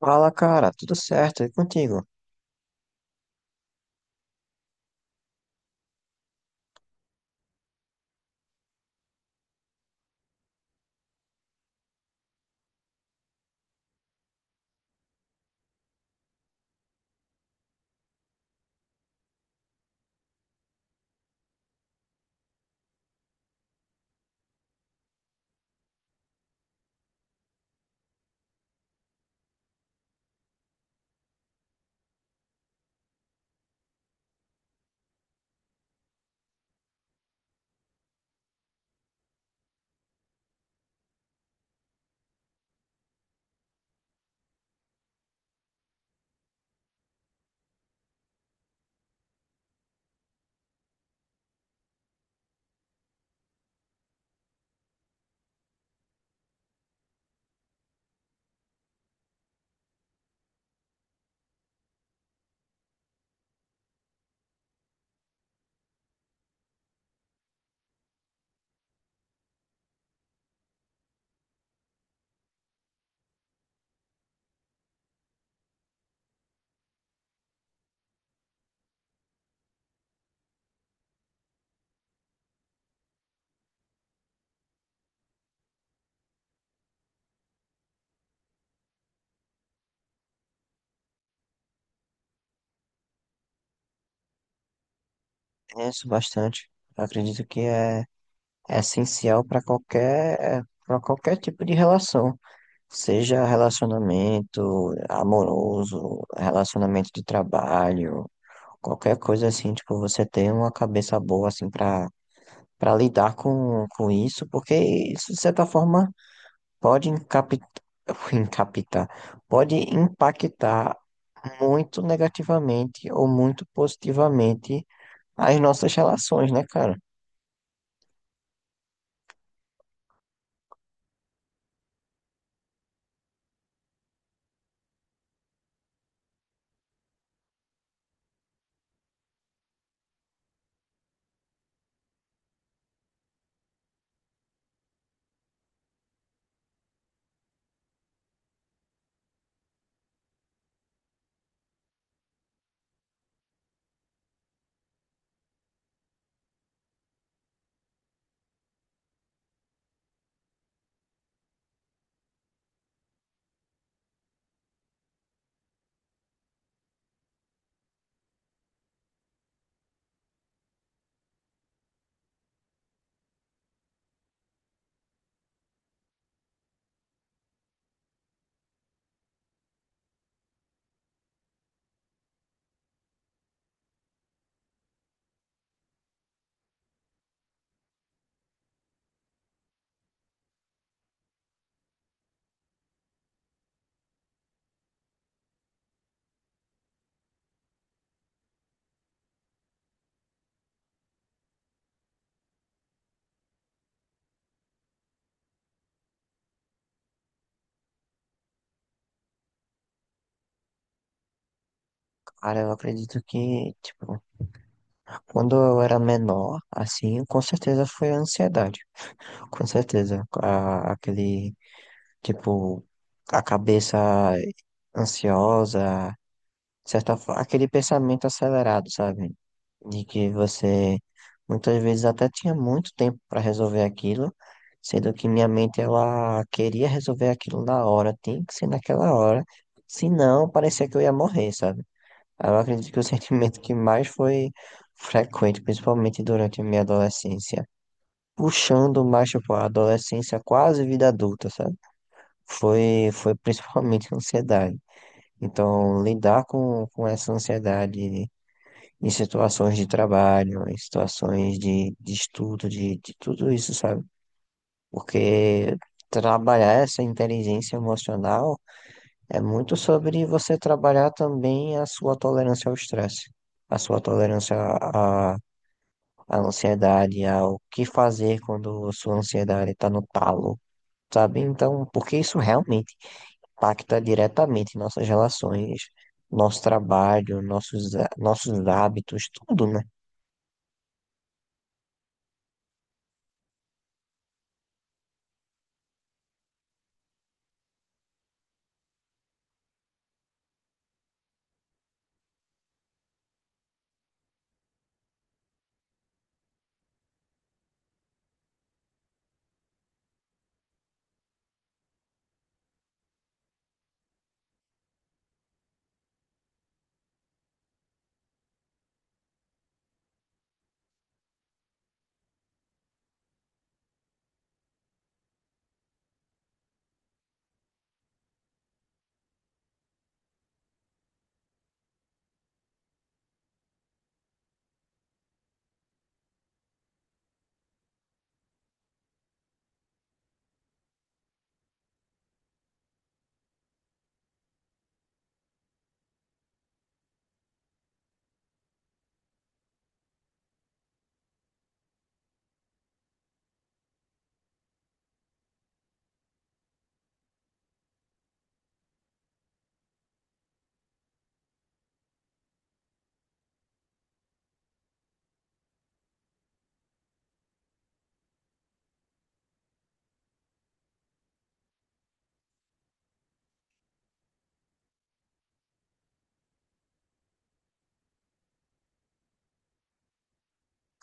Fala, cara, tudo certo? E contigo? Penso bastante. Acredito que é essencial para qualquer tipo de relação, seja relacionamento amoroso, relacionamento de trabalho, qualquer coisa assim, tipo, você ter uma cabeça boa assim para para lidar com isso, porque isso de certa forma pode encapitar, encapitar, pode impactar muito negativamente ou muito positivamente as nossas relações, né, cara? Cara, eu acredito que, tipo, quando eu era menor, assim, com certeza foi a ansiedade. Com certeza. Aquele, tipo, a cabeça ansiosa, de certa forma, aquele pensamento acelerado, sabe? De que você muitas vezes até tinha muito tempo para resolver aquilo, sendo que minha mente ela queria resolver aquilo na hora, tem que ser naquela hora. Senão parecia que eu ia morrer, sabe? Eu acredito que o sentimento que mais foi frequente, principalmente durante a minha adolescência, puxando mais, tipo, a adolescência quase vida adulta, sabe? Foi principalmente ansiedade. Então, lidar com essa ansiedade em situações de trabalho, em situações de estudo, de tudo isso, sabe? Porque trabalhar essa inteligência emocional é muito sobre você trabalhar também a sua tolerância ao estresse, a sua tolerância à ansiedade, ao que fazer quando sua ansiedade está no talo, sabe? Então, porque isso realmente impacta diretamente nossas relações, nosso trabalho, nossos hábitos, tudo, né?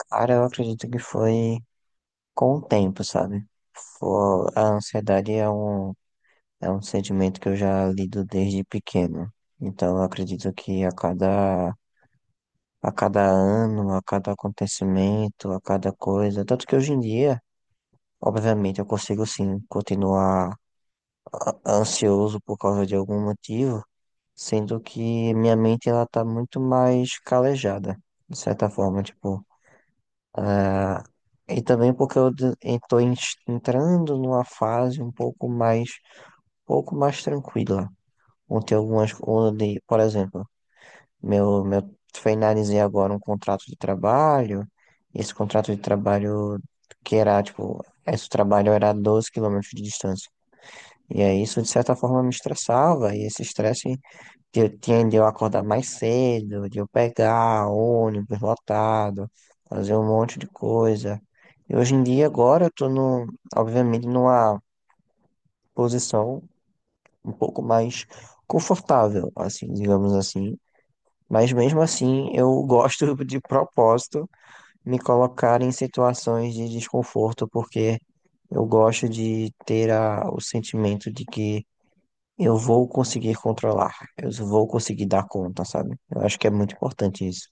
Cara, eu acredito que foi com o tempo, sabe? A ansiedade é um sentimento que eu já lido desde pequeno. Então, eu acredito que a cada ano, a cada acontecimento, a cada coisa, tanto que hoje em dia, obviamente, eu consigo sim continuar ansioso por causa de algum motivo, sendo que minha mente ela tá muito mais calejada, de certa forma, tipo, a- e também porque eu entrando numa fase um pouco pouco mais tranquila, onde tem algumas, onde, por exemplo, Meu, meu, finalizei agora um contrato de trabalho. Esse contrato de trabalho que era, tipo, esse trabalho era 12 quilômetros de distância. E aí isso, de certa forma, me estressava. E esse estresse de eu tinha de eu acordar mais cedo, de eu pegar ônibus lotado, fazer um monte de coisa. E hoje em dia, agora, eu tô, no, obviamente, numa posição um pouco mais confortável, assim, digamos assim, mas mesmo assim, eu gosto de propósito me colocar em situações de desconforto, porque eu gosto de ter o sentimento de que eu vou conseguir controlar, eu vou conseguir dar conta, sabe? Eu acho que é muito importante isso.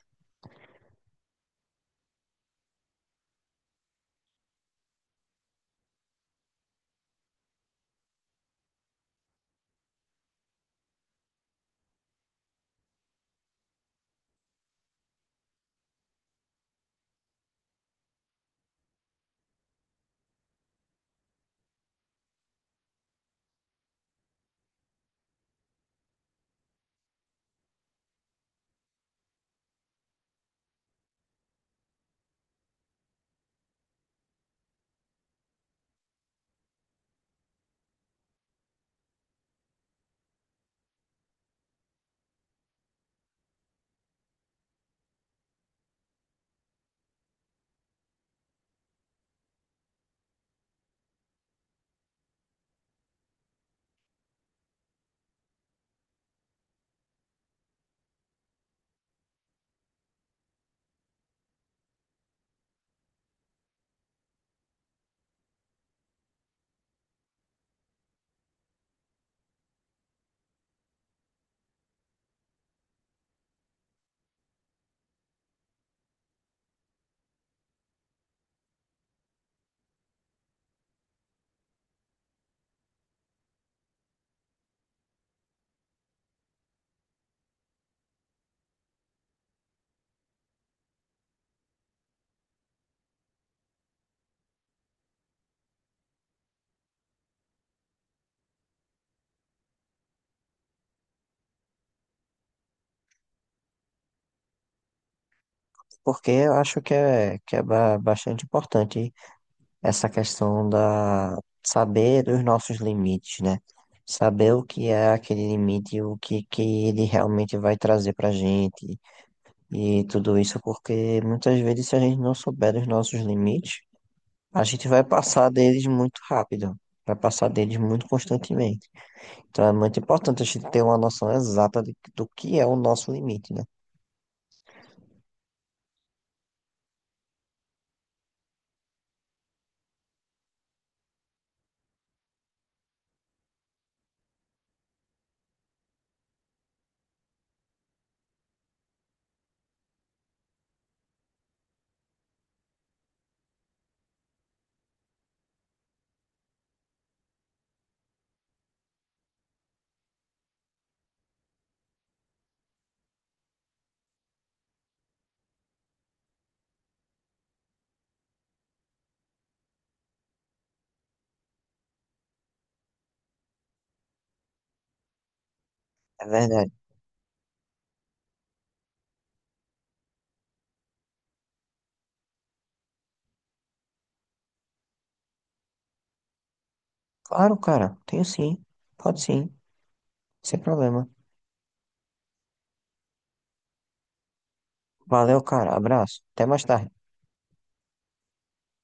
Porque eu acho que é bastante importante essa questão da saber os nossos limites, né? Saber o que é aquele limite, e o que ele realmente vai trazer pra gente. E tudo isso porque muitas vezes, se a gente não souber dos nossos limites, a gente vai passar deles muito rápido, vai passar deles muito constantemente. Então é muito importante a gente ter uma noção exata do que é o nosso limite, né? É verdade. Claro, cara, tenho sim, pode sim, sem problema. Valeu, cara, abraço, até mais tarde.